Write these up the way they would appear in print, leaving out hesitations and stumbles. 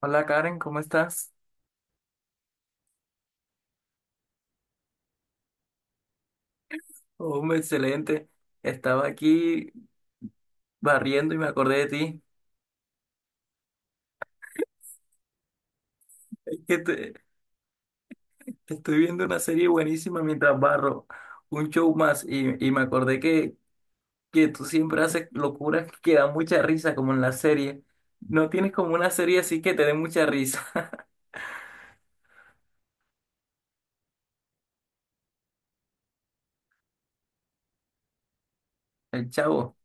Hola Karen, ¿cómo estás? Hombre, excelente. Estaba aquí barriendo y me acordé de ti. Es que te estoy viendo una serie buenísima mientras barro, un show más, y me acordé que tú siempre haces locuras que dan mucha risa, como en la serie. No tienes como una serie así que te dé mucha risa. El Chavo,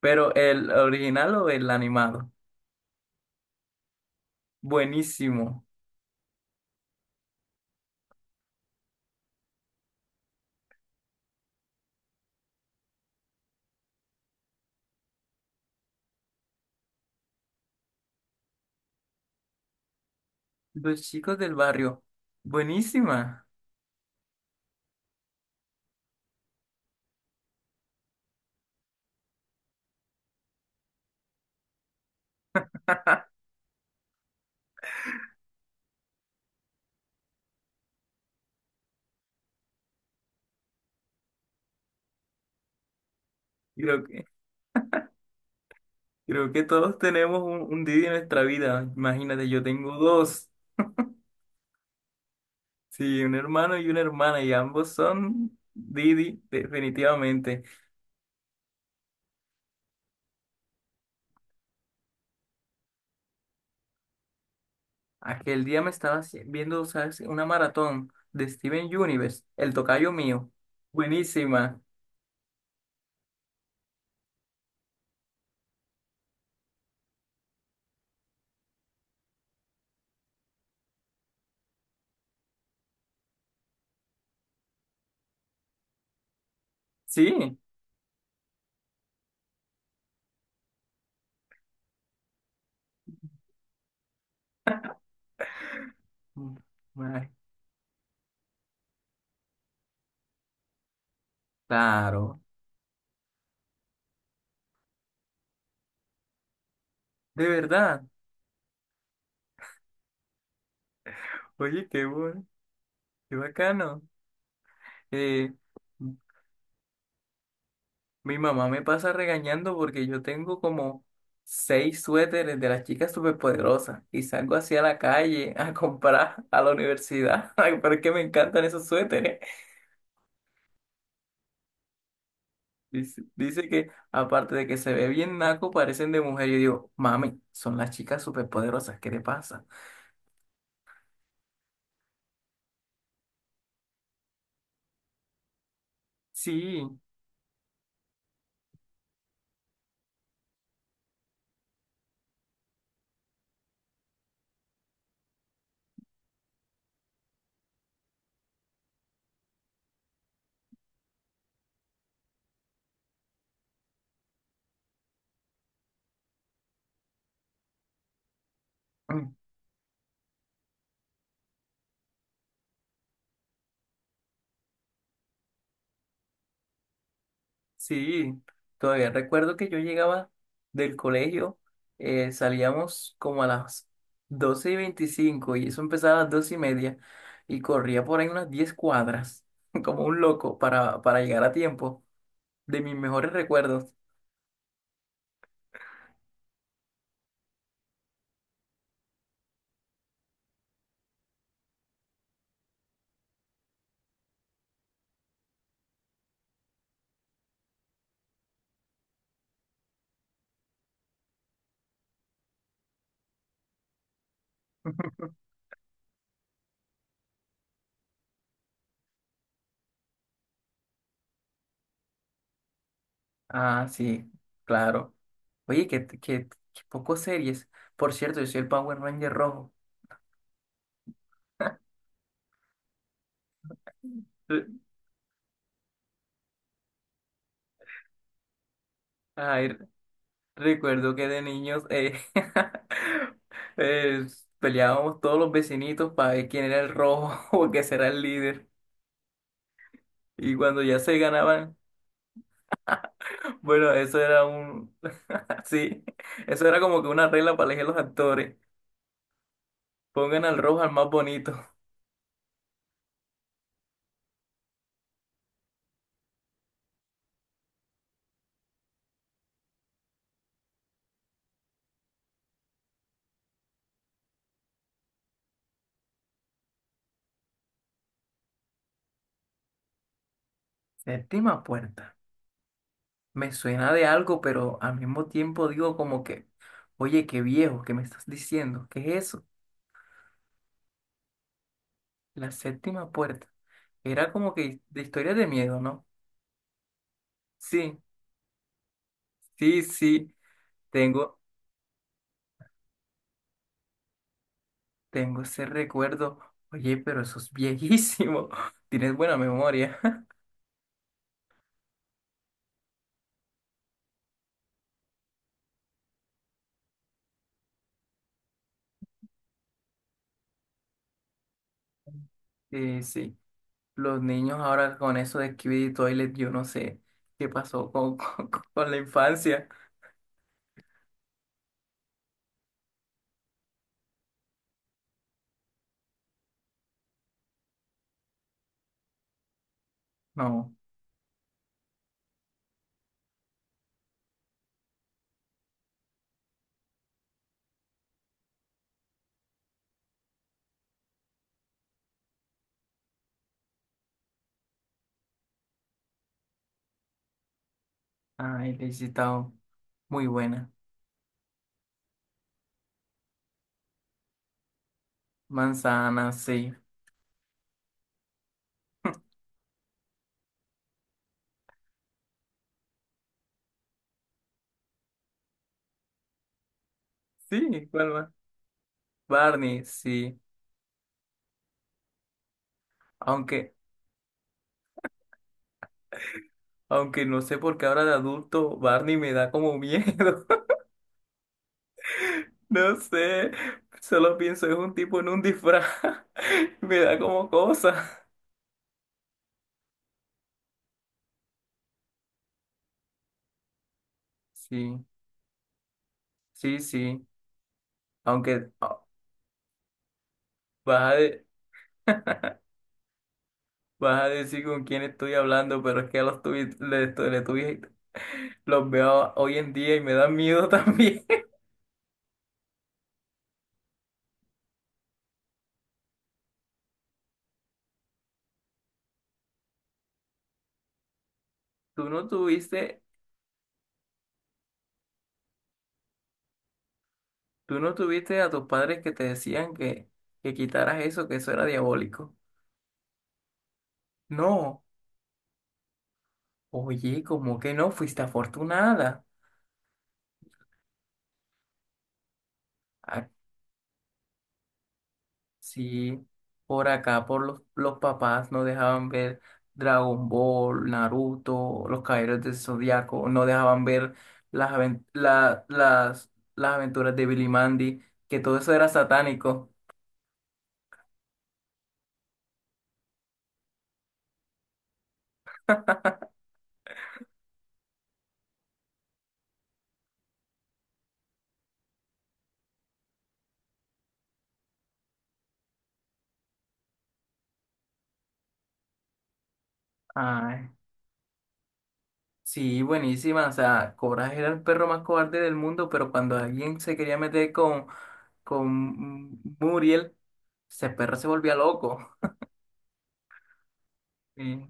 pero ¿el original o el animado? Buenísimo. Los Chicos del Barrio, buenísima. Creo que todos tenemos un Didi en nuestra vida. Imagínate, yo tengo dos. Sí, un hermano y una hermana, y ambos son Didi, definitivamente. Aquel día me estaba viendo, ¿sabes? Una maratón de Steven Universe, el tocayo mío. Buenísima. Sí. Mm, ay, claro. De verdad. Oye, qué bueno, qué bacano. Eh, Mi mamá me pasa regañando porque yo tengo como seis suéteres de las chicas superpoderosas y salgo así a la calle a comprar a la universidad. Ay, pero es que me encantan esos suéteres. Dice que aparte de que se ve bien naco, parecen de mujer. Yo digo, mami, son las chicas superpoderosas, ¿qué le pasa? Sí. Mm, sí, todavía recuerdo que yo llegaba del colegio. Salíamos como a las 12:25 y eso empezaba a las 12 y media y corría por ahí unas 10 cuadras como un loco para llegar a tiempo. De mis mejores recuerdos. Ah, sí, claro. Oye, que poco series. Por cierto, yo soy el Power Ranger rojo. Ay, recuerdo que de niños eh, peleábamos todos los vecinitos para ver quién era el rojo, o quién será el líder. Y cuando ya se ganaban, bueno, Sí, eso era como que una regla para elegir los actores. Pongan al rojo al más bonito. Séptima Puerta. Me suena de algo, pero al mismo tiempo digo como que, oye, qué viejo, ¿qué me estás diciendo? ¿Qué es eso? La Séptima Puerta. Era como que de historias de miedo, ¿no? Sí, sí, sí. Tengo, tengo ese recuerdo. Oye, pero eso es viejísimo. Tienes buena memoria. Sí, los niños ahora con eso de Skibidi Toilet, yo no sé qué pasó con, con la infancia. No, ay, le he citado muy buena. Manzana, sí. Sí, ¿cuál más? Barney, sí. Aunque, aunque no sé por qué ahora de adulto Barney me da como miedo. No sé, solo pienso es un tipo en un disfraz. Me da como cosa. Sí, sí, sí. Aunque vas a, de- vas a decir con quién estoy hablando, pero es que a los tuyos le, estoy- le tuve- los veo hoy en día y me da miedo también. Tú no tuviste, tú no tuviste a tus padres que te decían que quitaras eso, que eso era diabólico. No, oye, ¿como que no? Fuiste afortunada. Ah, sí, por acá, por los papás no dejaban ver Dragon Ball, Naruto, los Caballeros del Zodiaco, no dejaban ver las aventuras de Billy Mandy, que todo eso era satánico. Ay, sí, buenísima. O sea, Coraje era el perro más cobarde del mundo, pero cuando alguien se quería meter con Muriel, ese perro se volvía loco. Sí.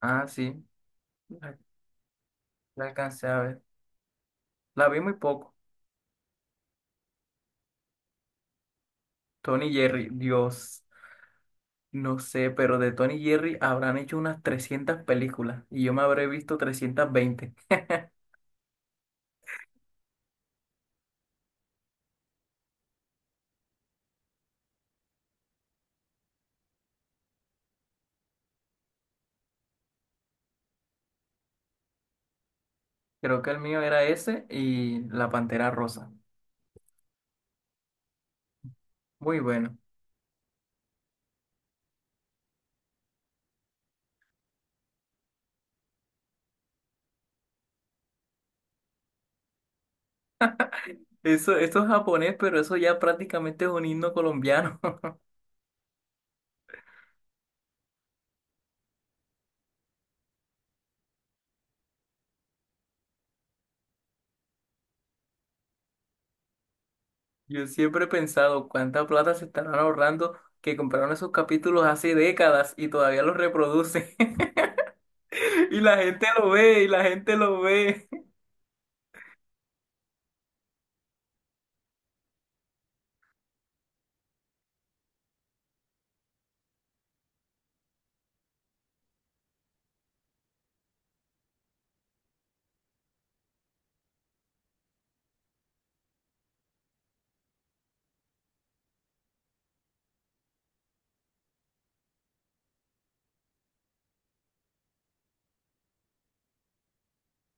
Ah, sí, la, la alcancé a ver. La vi muy poco. Tony Jerry, Dios, no sé, pero de Tony Jerry habrán hecho unas 300 películas y yo me habré visto 320. Creo que el mío era ese y La Pantera Rosa. Muy bueno. Eso, esto es japonés, pero eso ya prácticamente es un himno colombiano. Yo siempre he pensado cuánta plata se estarán ahorrando que compraron esos capítulos hace décadas y todavía los reproducen. Y la gente lo ve, y la gente lo ve.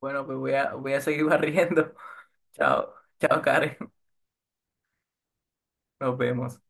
Bueno, pues voy a seguir barriendo. Chao, chao, Karen. Nos vemos.